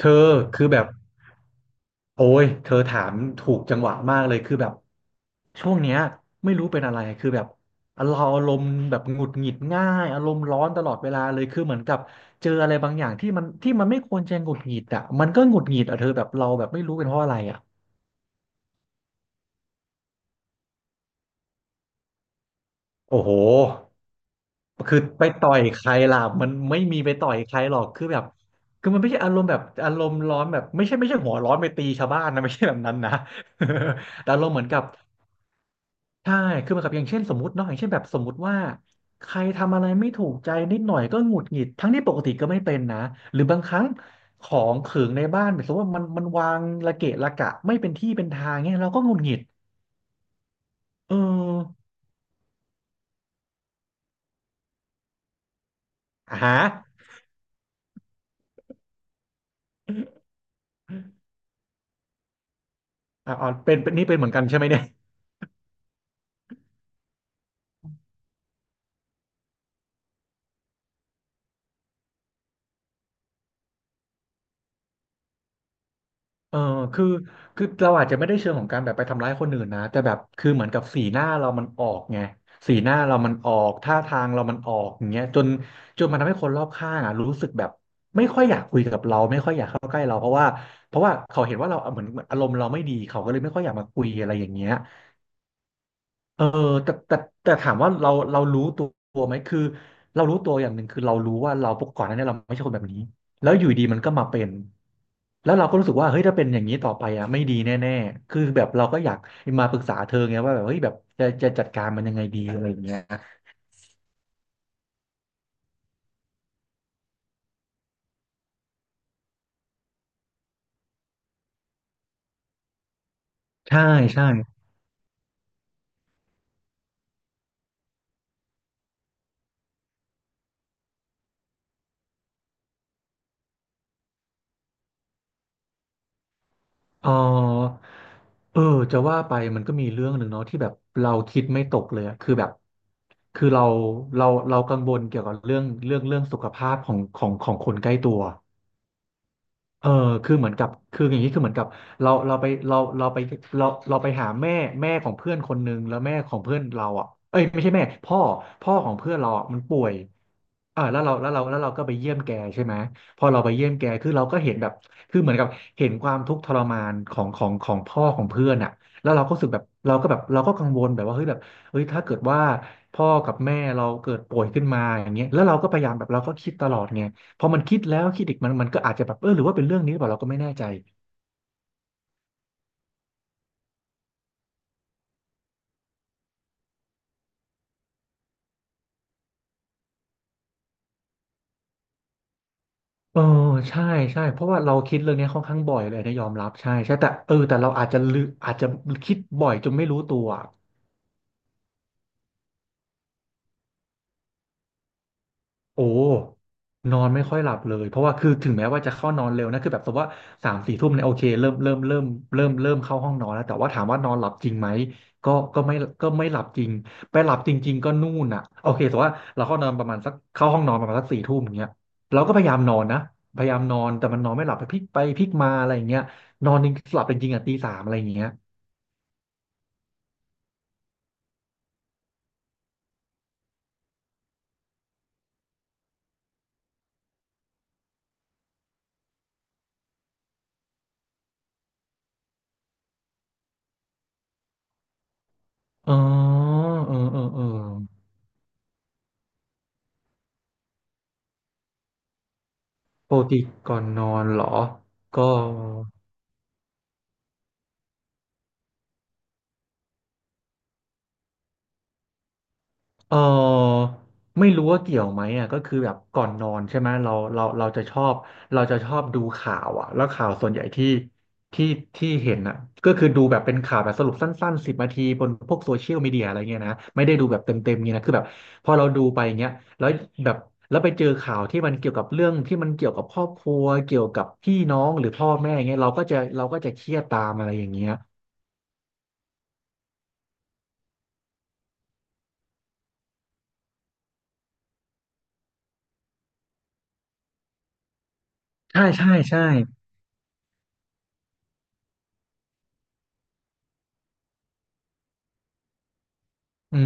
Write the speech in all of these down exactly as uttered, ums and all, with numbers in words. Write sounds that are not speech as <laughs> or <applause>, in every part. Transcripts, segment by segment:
เธอคือแบบโอ้ยเธอถามถูกจังหวะมากเลยคือแบบช่วงเนี้ยไม่รู้เป็นอะไรคือแบบอารมณ์แบบหงุดหงิดง่ายอารมณ์ร้อนตลอดเวลาเลยคือเหมือนกับเจออะไรบางอย่างที่มันที่มันไม่ควรจะหงุดหงิดอ่ะมันก็หงุดหงิดอ่ะเธอแบบเราแบบไม่รู้เป็นเพราะอะไรอ่ะโอ้โหคือไปต่อยใครล่ะมันไม่มีไปต่อยใครหรอกคือแบบคือมันไม่ใช่อารมณ์แบบอารมณ์ร้อนแบบไม่ใช่ไม่ใช่หัวร้อนไปตีชาวบ้านนะไม่ใช่แบบนั้นนะ <laughs> แต่อารมณ์เหมือนกับ ใช่คือมันกับอย่างเช่นสมมติเนาะอย่างเช่นแบบสมมติว่าใครทำอะไรไม่ถูกใจนิดหน่อยก็หงุดหงิดทั้งที่ปกติก็ไม่เป็นนะหรือบางครั้งของขึงในบ้านแบบสมมติว่ามันมันวางระเกะระกะไม่เป็นที่เป็นทางเนี้ยเราก็หงุดหงิดเอออ่าฮะอ่าเป็นเป็นนี่เป็นเหมือนกันใช่ไหมเนี่ย เออคือคือเราอาจจะไม่ได้เชิงของการแบบไปทำร้ายคนอื่นนะแต่แบบคือเหมือนกับสีหน้าเรามันออกไงสีหน้าเรามันออกท่าทางเรามันออกอย่างเงี้ยจนจนมันทำให้คนรอบข้างอ่ะรู้สึกแบบไม่ค่อยอยากคุยกับเราไม่ค่อยอยากเข้าใกล้เราเพราะว่าเพราะว่าเขาเห็นว่าเราเหมือนเหมือนอารมณ์เราไม่ดีเขาก็เลยไม่ค่อยอยากมาคุยอะไรอย่างเงี้ย เออแต่แต่แต่ถามว่าเราเรารู้ตัวไหมคือเรารู้ตัวอย่างหนึ่งคือเรารู้ว่าเราปกก่อนหนั้านเนี่ยเราไม่ใช่คนแบบนี้แล้วอยู่ดีมันก็มาเป็นแล้วเราก็รู้สึกว่าเฮ้ยถ้าเป็นอย่างนี้ต่อไปอ่ะไม่ดีแน่ๆคือแบบเราก็อยากมาปรึกษาเธอไงว่าแบบเฮ้ยแบบจะจะจัดการมันยังไงดีอะไรอย่างเงี้ยใช่ใช่เออเออจะว่าไปมันก็มีเรื่องหนึ่งเนาะที่แบบเราคิดไม่ตกเลยอะคือแบบคือเราเราเรากังวลเกี่ยวกับเรื่องเรื่องเรื่องสุขภาพของของของคนใกล้ตัว เออคือเหมือนกับคืออย่างนี้คือเหมือนกับเราเราไปเราเราไปเราเราไปหาแม่แม่ของเพื่อนคนหนึ่ง แล้วแม่ของเพื่อนเราอ่ะเอ้ยไม่ใช่แม่พ่อพ่อของเพื่อนเราอ่ะมันป่วยอ่าแล้วเราแล้วเราแล้วเราก็ไปเยี่ยมแกใช่ไหม พอเราไปเยี่ยมแกคือเราก็เห็นแบบคือเหมือนกับเห็นความทุกข์ทรมานของของของพ่อของเพื่อนอ่ะแล้วเราก็รู้สึกแบบเราก็แบบเราก็กังวลแบบว่าเฮ้ยแบบเฮ้ยถ้าเกิดว่าพ่อกับแม่เราเกิดป่วยขึ้นมาอย่างเงี้ยแล้วเราก็พยายามแบบเราก็คิดตลอดไง พอมันคิดแล้วคิดอีกมันมันก็อาจจะแบบเออหรือว่าเป็นเรื่องนี้หรือเปล่าเราก็ไม่แน่ใจเออใช่ใช่เพราะว่าเราคิดเรื่องนี้ค่อนข้างบ่อยเลยนะยอมรับใช่ใช่แต่เออแต่เราอาจจะลืออาจจะคิดบ่อยจนไม่รู้ตัว โอ้นอนไม่ค่อยหลับเลย เพราะว่าคือถึงแม้ว่าจะเข้านอนเร็วนะคือแบบสมมติว่าสามสี่ทุ่มเนี่ยโอเคเริ่มเริ่มเริ่มเริ่มเริ่มเข้าห้องนอนแล้วแต่ว่าถามว่านอนหลับจริงไหมก็ก็ไม่ก็ไม่หลับจริงไปหลับจริงๆก็นู่นอ่ะโอเคแต่ว่าเราเข้านอนประมาณสักเข้าห้องนอนประมาณสักสี่ทุ่มอย่างเงี้ยเราก็พยายามนอนนะพยายามนอนแต่มันนอนไม่หลับไปพลิกไปพลิกมาอะไรอย่างเงี้ยนอนจริงหลับจริงๆอ่ะตีสามอะไรอย่างเงี้ยอ๋อเออเออเออปกติก่อนนอนเหรอก็ เออไม่รู้ว่าเกี่ยวไหมอ่ะก็คือแบบก่อนนอนใช่ไหมเราเราเราจะชอบเราจะชอบดูข่าวอ่ะแล้วข่าวส่วนใหญ่ที่ที่ที่เห็นอ่ะก็คือดูแบบเป็นข่าวแบบสรุปสั้นๆสิบนาทีบนพวกโซเชียลมีเดียอะไรเงี้ยนะไม่ได้ดูแบบเต็มๆเงี้ยนะคือแบบพอเราดูไปเงี้ยแล้วแบบแล้วไปเจอข่าวที่มันเกี่ยวกับเรื่องที่มันเกี่ยวกับครอบครัวเกี่ยวกับพี่น้องหรือพ่อแม่เงี้ยเราก็จะเราก็จะเครียดตามอะไรอย่างเงี้ยใช่ใช่ใช่อื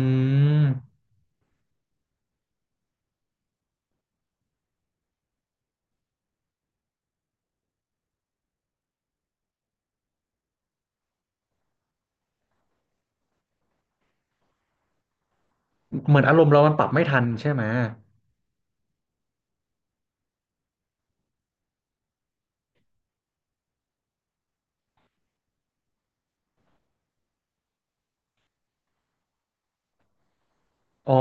มเหมือนอารมณ์เรามันปรับไม่ทันใช่ไหม อ๋อ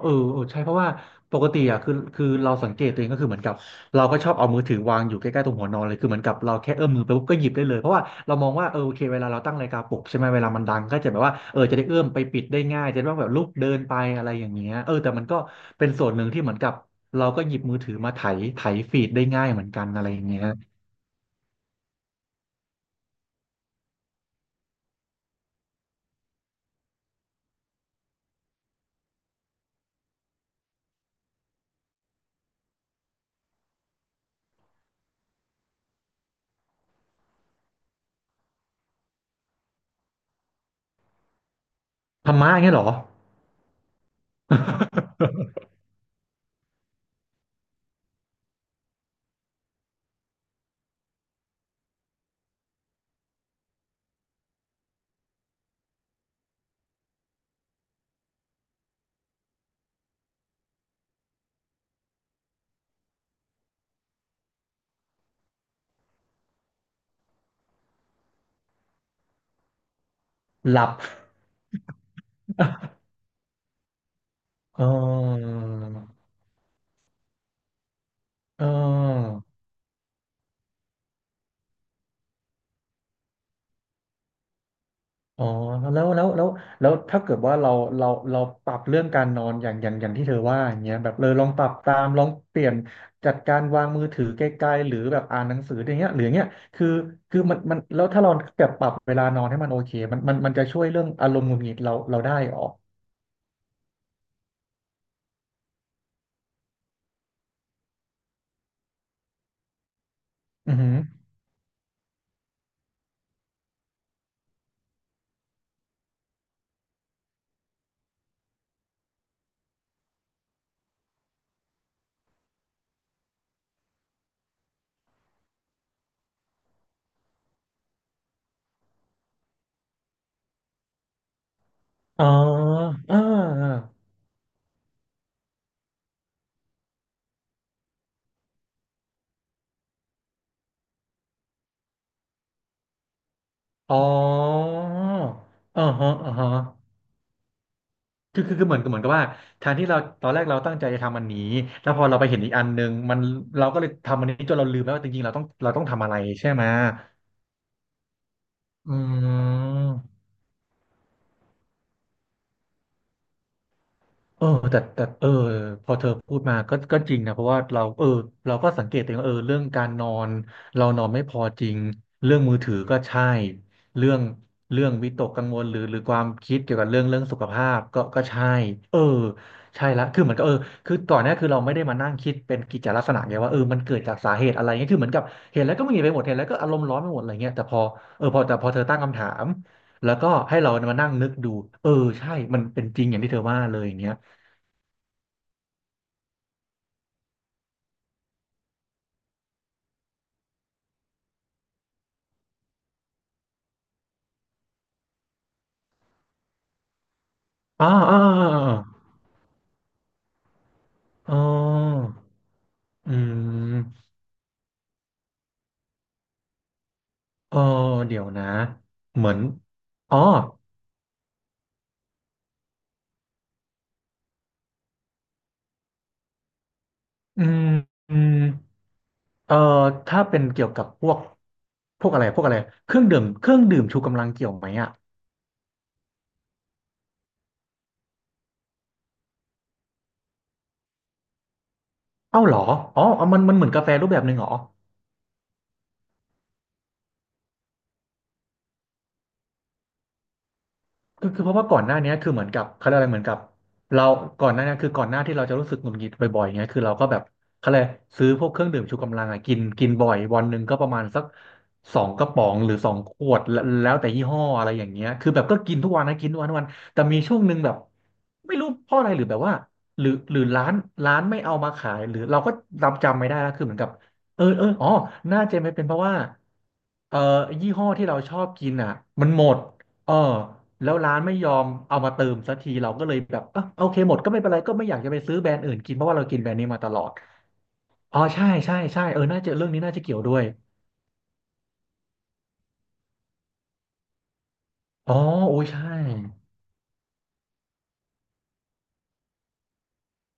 เออเออใช่เพราะว่าปกติอ่ะคือคือเราสังเกตตัวเองก็คือเหมือนกับเราก็ชอบเอามือถือวางอยู่ใกล้ๆตรงหัวนอนเลยคือเหมือนกับเราแค่เอื้อมมือไปปุ๊บก็หยิบได้เลยเพราะว่าเรามองว่าเออโอเคเวลาเราตั้งนาฬิกาปลุกใช่ไหมเวลามันดังก็จะแบบว่าเออจะได้เอื้อมไปปิดได้ง่ายจะได้แบบลุกเดินไปอะไรอย่างเงี้ยเออแต่มันก็เป็นส่วนหนึ่งที่เหมือนกับเราก็หยิบมือถือมาไถไถฟีดได้ง่ายเหมือนกันอะไรอย่างเงี้ยธรรมะอย่างเงี้ยเหรอ <laughs> หลับ <laughs> เออเออ อ๋อแล้วแล้วแล้วแล้วถ้าเกิดว่าเราเราเราปรับเรื่องการนอนอย่างอย่างอย่างที่เธอว่าอย่างเงี้ยแบบเลยลองปรับตามลองเปลี่ยนจัดการวางมือถือไกลๆหรือแบบอ่านหนังสืออย่างเงี้ยหรืออย่างเงี้ยคือคือมันมันแล้วถ้าเราแบบปรับเวลานอนให้มันโอเคมันมันมันจะช่วยเรื่องอารมณ์หงุดหงิดเราเราได้ออกออือหืออ๋ออ่าอ๋ออ๋อฮะอ๋อฮะ คือคือคือเหมือนกับเหมือนกับว่าแทนที่เราตอนแรกเราตั้งใจจะทำอันนี้แล้วพอเราไปเห็นอีกอันหนึ่งมันเราก็เลยทำอันนี้จนเราลืมแล้วว่าจริงๆเราต้องเราต้องทำอะไรใช่ไหมอืม เออแต่แต่เออพอเธอพูดมาก็ก็จริงนะเพราะว่าเราเออเราก็สังเกตตัวเองว่าเออเรื่องการนอนเรานอนไม่พอจริงเรื่องมือถือก็ใช่เรื่องเรื่องวิตกกังวลหรือหรือความคิดเกี่ยวกับเรื่องเรื่องสุขภาพก็ก็ใช่เออใช่ละคือเหมือนกับเออคือก่อนหน้าคือเราไม่ได้มานั่งคิดเป็นกิจลักษณะไงว่าเออมันเกิดจากสาเหตุอะไรเงี้ยคือเหมือนกับเห็นแล้วก็มึนไปหมดเห็นแล้วก็อารมณ์ร้อนไปหมดอะไรเงี้ยแต่พอเออพอแต่พอเธอตั้งคำถามแล้วก็ให้เรามานั่งนึกดูเออใช่มันเป็นจริงอย่างที่เธอว่าเลยอย่างเงี้ย อ่าอ่าอ่าอ๋ออืมเออเดี๋ยวนะ เหมือนอ๋ออืมอืมเออถ้าเป็นเกี่ยวกับพวกพวกอะไรพวกอะไร เครื่องดื่ม เครื่องดื่มชูกำลังเกี่ยวไหมอ่ะเอ้าเหรออ๋อมันมันเหมือนกาแฟรูปแบบหนึ่งเหรอ คือคือเพราะว่าก่อนหน้าเนี้ยคือเหมือนกับเขาเรียกอะไรเหมือนกับเราก่อนหน้าเนี้ยคือก่อนหน้าที่เราจะรู้สึกหงุดหงิดบ่อยๆเงี้ยคือเราก็แบบเขาเลยกซื้อพวกเครื่องดื่มชูกำลังอ่ะกินกินบ่อยวันหนึ่งก็ประมาณสักสองกระป๋องหรือสองขวดแล้วแล้วแต่ยี่ห้ออะไรอย่างเงี้ยคือแบบก็กินทุกวันนะกินทุกวันทุกวันแต่มีช่วงหนึ่งแบบไม่รู้เพราะอะไรหรือแบบว่าหรือหรือร้านร้านไม่เอามาขายหรือเราก็จำจำไม่ได้แล้วคือเหมือนกับเออเอออ๋อน่าจะไม่เป็นเพราะว่าเอ่อยี่ห้อที่เราชอบกินอ่ะมันหมด เออแล้วร้านไม่ยอมเอามาเติมสักทีเราก็เลยแบบเออโอเคหมดก็ไม่เป็นไรก็ไม่อยากจะไปซื้อแบรนด์อื่นกินเพราะว่าเรากินแบรนด์นี้มาตลอดอ๋อใช่ใช่ใช่เออน่าจะเรื่องนี้น่าจะเกี่ยวด้วยอ๋อโอ้ยใช่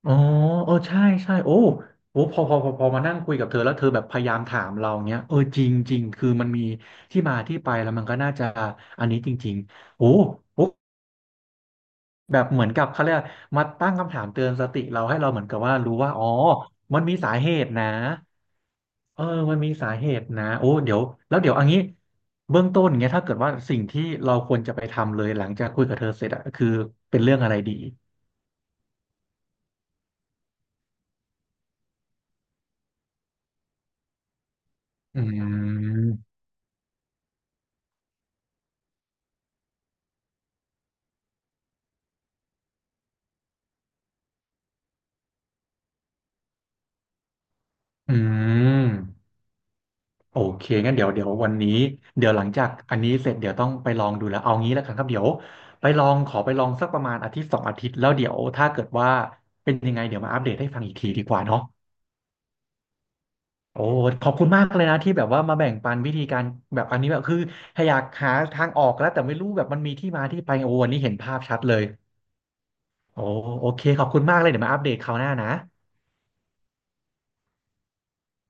อ๋อเออใช่ใช่โอ้โอ้พอพอพอพอมานั่งคุยกับเธอแล้วเธอแบบพยายามถามเราเนี้ยเออจริงจริงคือมันมีที่มาที่ไปแล้วมันก็น่าจะอันนี้จริงๆโอ้โอ้ แบบเหมือนกับเขาเรียกมาตั้งคำถามเตือนสติเราให้เราเหมือนกับว่ารู้ว่าอ๋อมันมีสาเหตุนะเออมันมีสาเหตุนะโอ้เดี๋ยวแล้วเดี๋ยวเอันนี้เบื้องต้นเงี้ยถ้าเกิดว่าสิ่งที่เราควรจะไปทำเลยหลังจากคุยกับเธอเสร็จอะคือเป็นเรื่องอะไรดีอืมอืม โอเคงั้นเดี๋ยวเดี๋ยววันนี้เดี๋ยวหลังจากอันนี้เสร็จเดี๋ยวต้องไปลองดูแล้วเอางี้แล้วกันครับเดี๋ยวไปลองขอไปลองสักประมาณอาทิตย์สองอาทิตย์แล้วเดี๋ยวถ้าเกิดว่าเป็นยังไงเดี๋ยวมาอัปเดตให้ฟังอีกทีดีกว่าเนาะโอ้ขอบคุณมากเลยนะที่แบบว่ามาแบ่งปันวิธีการแบบอันนี้แบบคือถ้าอยากหาทางออกแล้วแต่ไม่รู้แบบมันมีที่มาที่ไปโอ้วันนี้เห็นภาพชัดเลยโอ้โอเคขอบคุณมากเลยเดี๋ยวมาอัปเดตคราวหน้านะ